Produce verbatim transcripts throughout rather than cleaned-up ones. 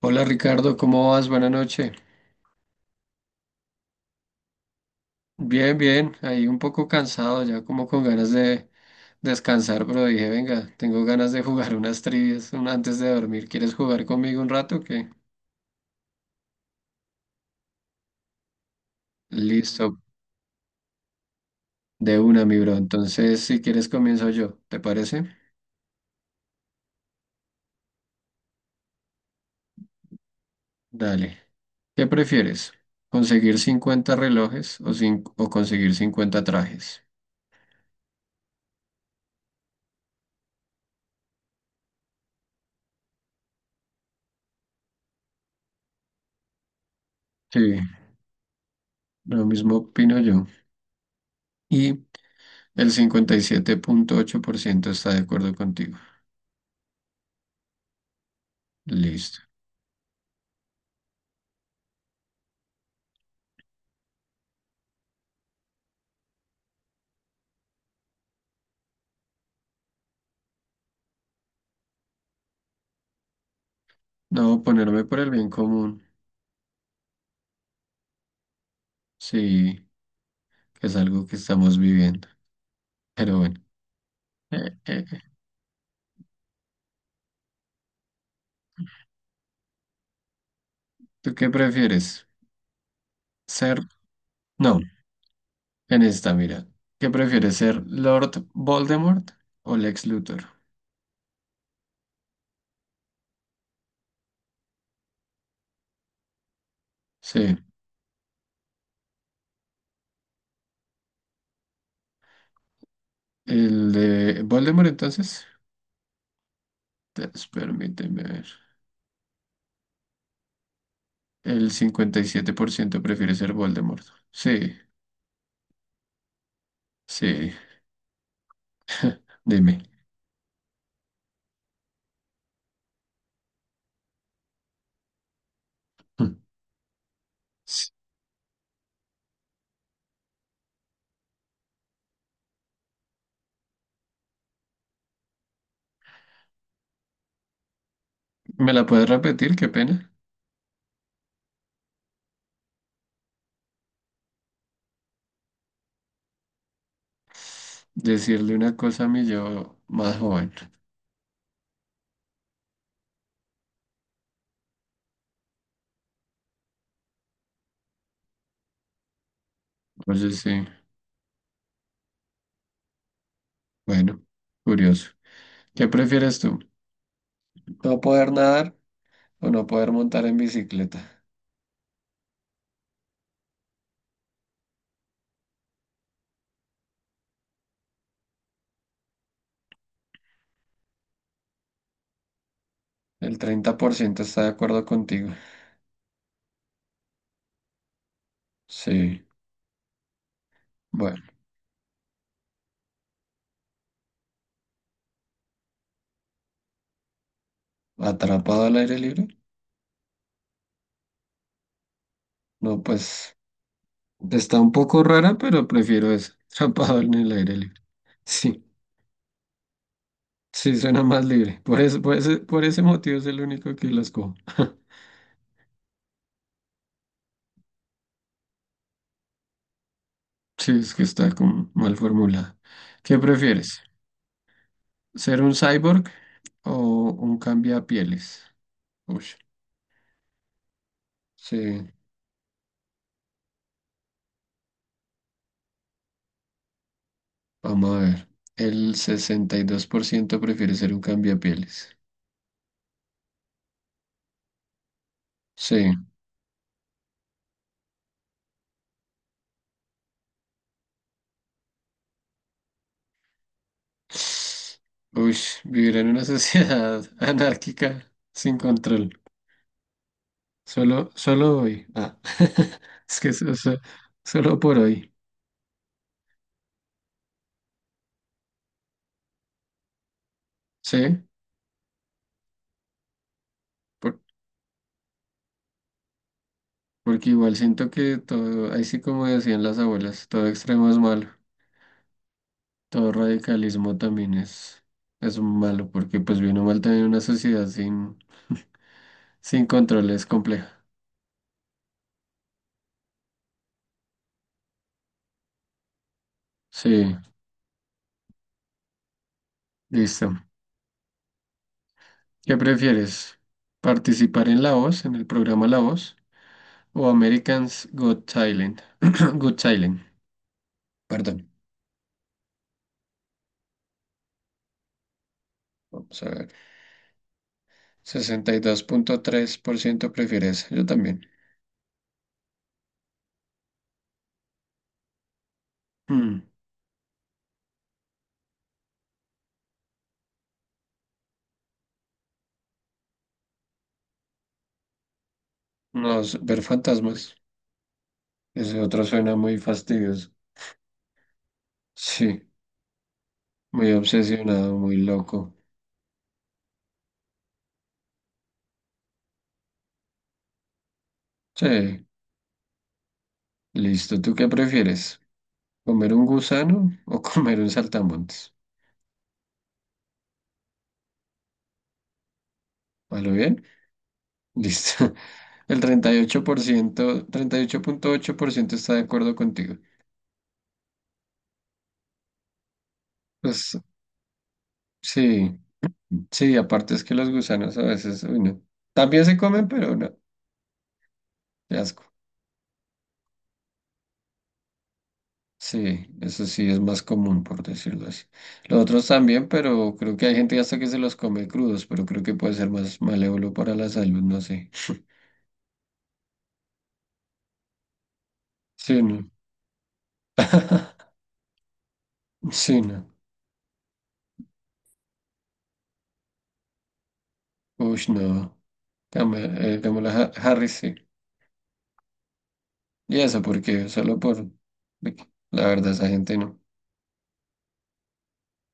Hola Ricardo, ¿cómo vas? Buenas noches. Bien, bien, ahí un poco cansado, ya como con ganas de descansar, pero dije, venga, tengo ganas de jugar unas trivias un- antes de dormir. ¿Quieres jugar conmigo un rato? ¿Qué? Listo, de una, mi bro. Entonces, si quieres, comienzo yo, ¿te parece? Dale. ¿Qué prefieres? ¿Conseguir cincuenta relojes o, cin- o conseguir cincuenta trajes? Sí, lo mismo opino yo. Y el cincuenta y siete punto ocho por ciento está de acuerdo contigo. Listo. No, ponerme por el bien común, sí, que es algo que estamos viviendo. Pero bueno, eh, eh, eh. ¿Tú qué prefieres? ¿Ser? No, en esta, mira. ¿Qué prefieres ser Lord Voldemort o Lex Luthor? Sí, el de Voldemort entonces. Entonces, permíteme ver. El cincuenta y siete por ciento prefiere ser Voldemort. Sí, sí, dime. Sí. ¿Me la puedes repetir? Qué pena. Decirle una cosa a mi yo más joven. Oye, sí. Bueno, curioso. ¿Qué prefieres tú? ¿No poder nadar o no poder montar en bicicleta? El treinta por ciento está de acuerdo contigo. Sí, bueno, atrapado al aire libre. No, pues está un poco rara, pero prefiero eso. Atrapado en el aire libre. Sí, sí, suena más libre. Por eso, por ese, por ese motivo es el único que las cojo. Sí, es que está como mal formulada. ¿Qué prefieres? ¿Ser un cyborg o un cambiapieles? Uy, sí. Vamos a ver. El sesenta y dos por ciento prefiere ser un cambiapieles. Sí. Uy, vivir en una sociedad anárquica sin control. Solo, solo hoy. Ah, es que so- so- solo por hoy. Sí, por- porque igual siento que todo, ahí sí como decían las abuelas, todo extremo es malo. Todo radicalismo también es, es malo, porque pues bien o mal también una sociedad sin, sin control es compleja. Sí, listo. ¿Qué prefieres? ¿Participar en La Voz, en el programa La Voz, o Americans Got Talent? Got Talent, perdón. Vamos a ver. Sesenta y dos punto tres por ciento prefiere esa. Yo también. Hmm. No, s- ver fantasmas. Ese otro suena muy fastidioso. Sí, muy obsesionado, muy loco. Sí, listo. ¿Tú qué prefieres? ¿Comer un gusano o comer un saltamontes? ¿A bien? Listo. El treinta treinta y y ocho ocho ocho por ciento treinta y ocho punto ocho por ciento está de acuerdo contigo. Pues sí, sí, aparte es que los gusanos a veces, uy, no. También se comen, pero no, qué asco. Sí, eso sí es más común, por decirlo así. Los otros también, pero creo que hay gente hasta que se los come crudos, pero creo que puede ser más malévolo para la salud, no sé. Sí, no. Sí, no. Uy, no. Kamala, eh, Kamala Ha- Harris, sí. Y eso, porque solo por... La verdad, esa gente no.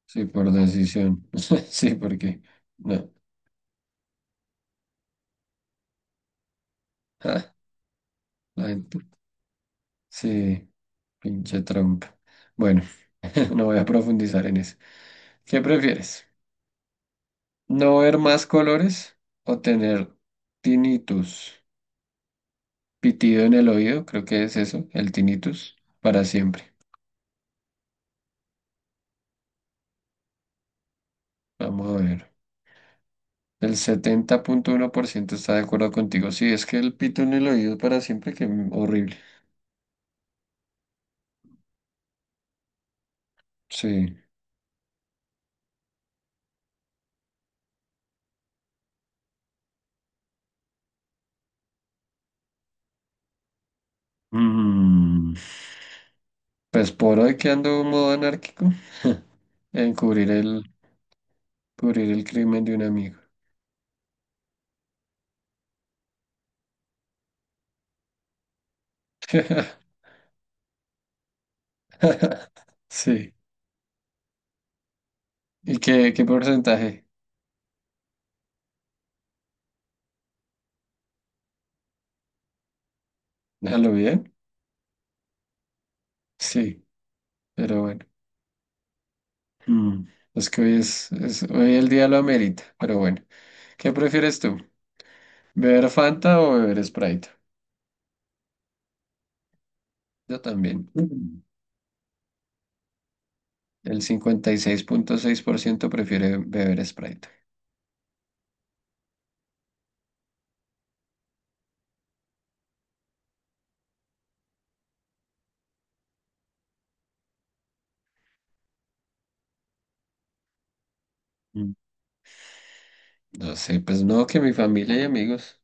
Sí, por decisión. Sí, porque no. Ah, la gente. Sí, pinche trampa. Bueno, no voy a profundizar en eso. ¿Qué prefieres? ¿No ver más colores o tener tinnitus? Pitido en el oído, creo que es eso, el tinnitus, para siempre. Vamos a ver. El setenta punto uno por ciento está de acuerdo contigo. Sí, es que el pito en el oído para siempre, que horrible. Sí. Mm, Pues por hoy que ando modo anárquico. Encubrir el, cubrir el crimen de un amigo. Sí. ¿Y qué, qué porcentaje? ¿Déjalo bien? Sí, pero bueno. Mm, Es que hoy es, es- hoy el día lo amerita, pero bueno. ¿Qué prefieres tú? ¿Beber Fanta o beber Sprite? Yo también. Mm. El cincuenta y seis punto seis por ciento prefiere beber Sprite. Mm. No sé, pues no, que mi familia y amigos.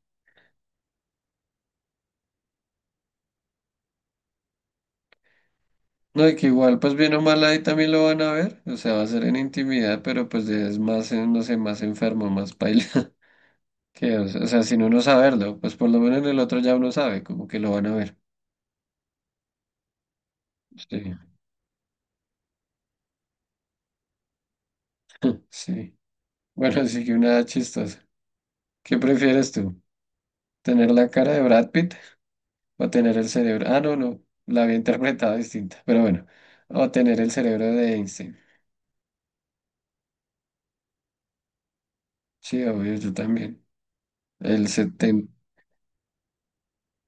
No, y que igual, pues bien o mal ahí también lo van a ver, o sea, va a ser en intimidad, pero pues es más, eh, no sé, más enfermo, más paila, que, o sea, o sea, sin uno saberlo, pues por lo menos en el otro ya uno sabe, como que lo van a ver. Sí, sí. Bueno, así que una chistosa. ¿Qué prefieres tú? ¿Tener la cara de Brad Pitt o tener el cerebro? Ah, no, no, la había interpretado distinta, pero bueno, o tener el cerebro de Einstein. Sí, obvio, yo también. El seten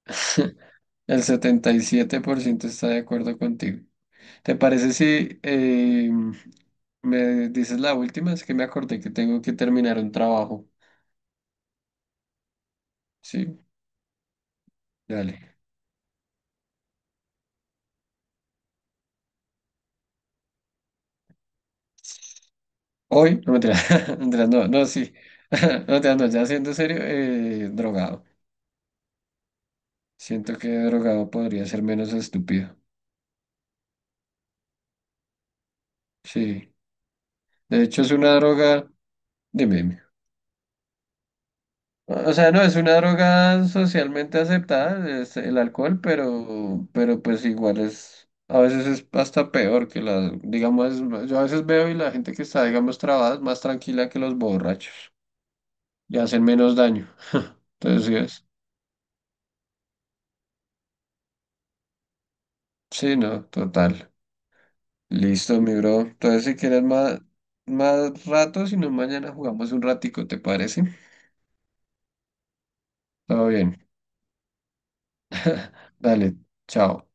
el setenta y siete por ciento está de acuerdo contigo. ¿Te parece si eh, me dices la última? Es que me acordé que tengo que terminar un trabajo. Sí, dale. Hoy, no mentiras, mentiras, no, no, sí. No, mentiras, no, ya siendo serio, eh, drogado. Siento que drogado podría ser menos estúpido. Sí. De hecho, es una droga. Dime, dime. O sea, no es una droga socialmente aceptada, es el alcohol, pero, pero pues igual es, a veces es hasta peor que la digamos, yo a veces veo y la gente que está, digamos, trabada es más tranquila que los borrachos y hacen menos daño. Entonces, sí, es- sí, no, total. Listo, mi bro. Entonces, si quieres más, más rato, si no, mañana jugamos un ratico, ¿te parece? Todo bien. Dale, chao.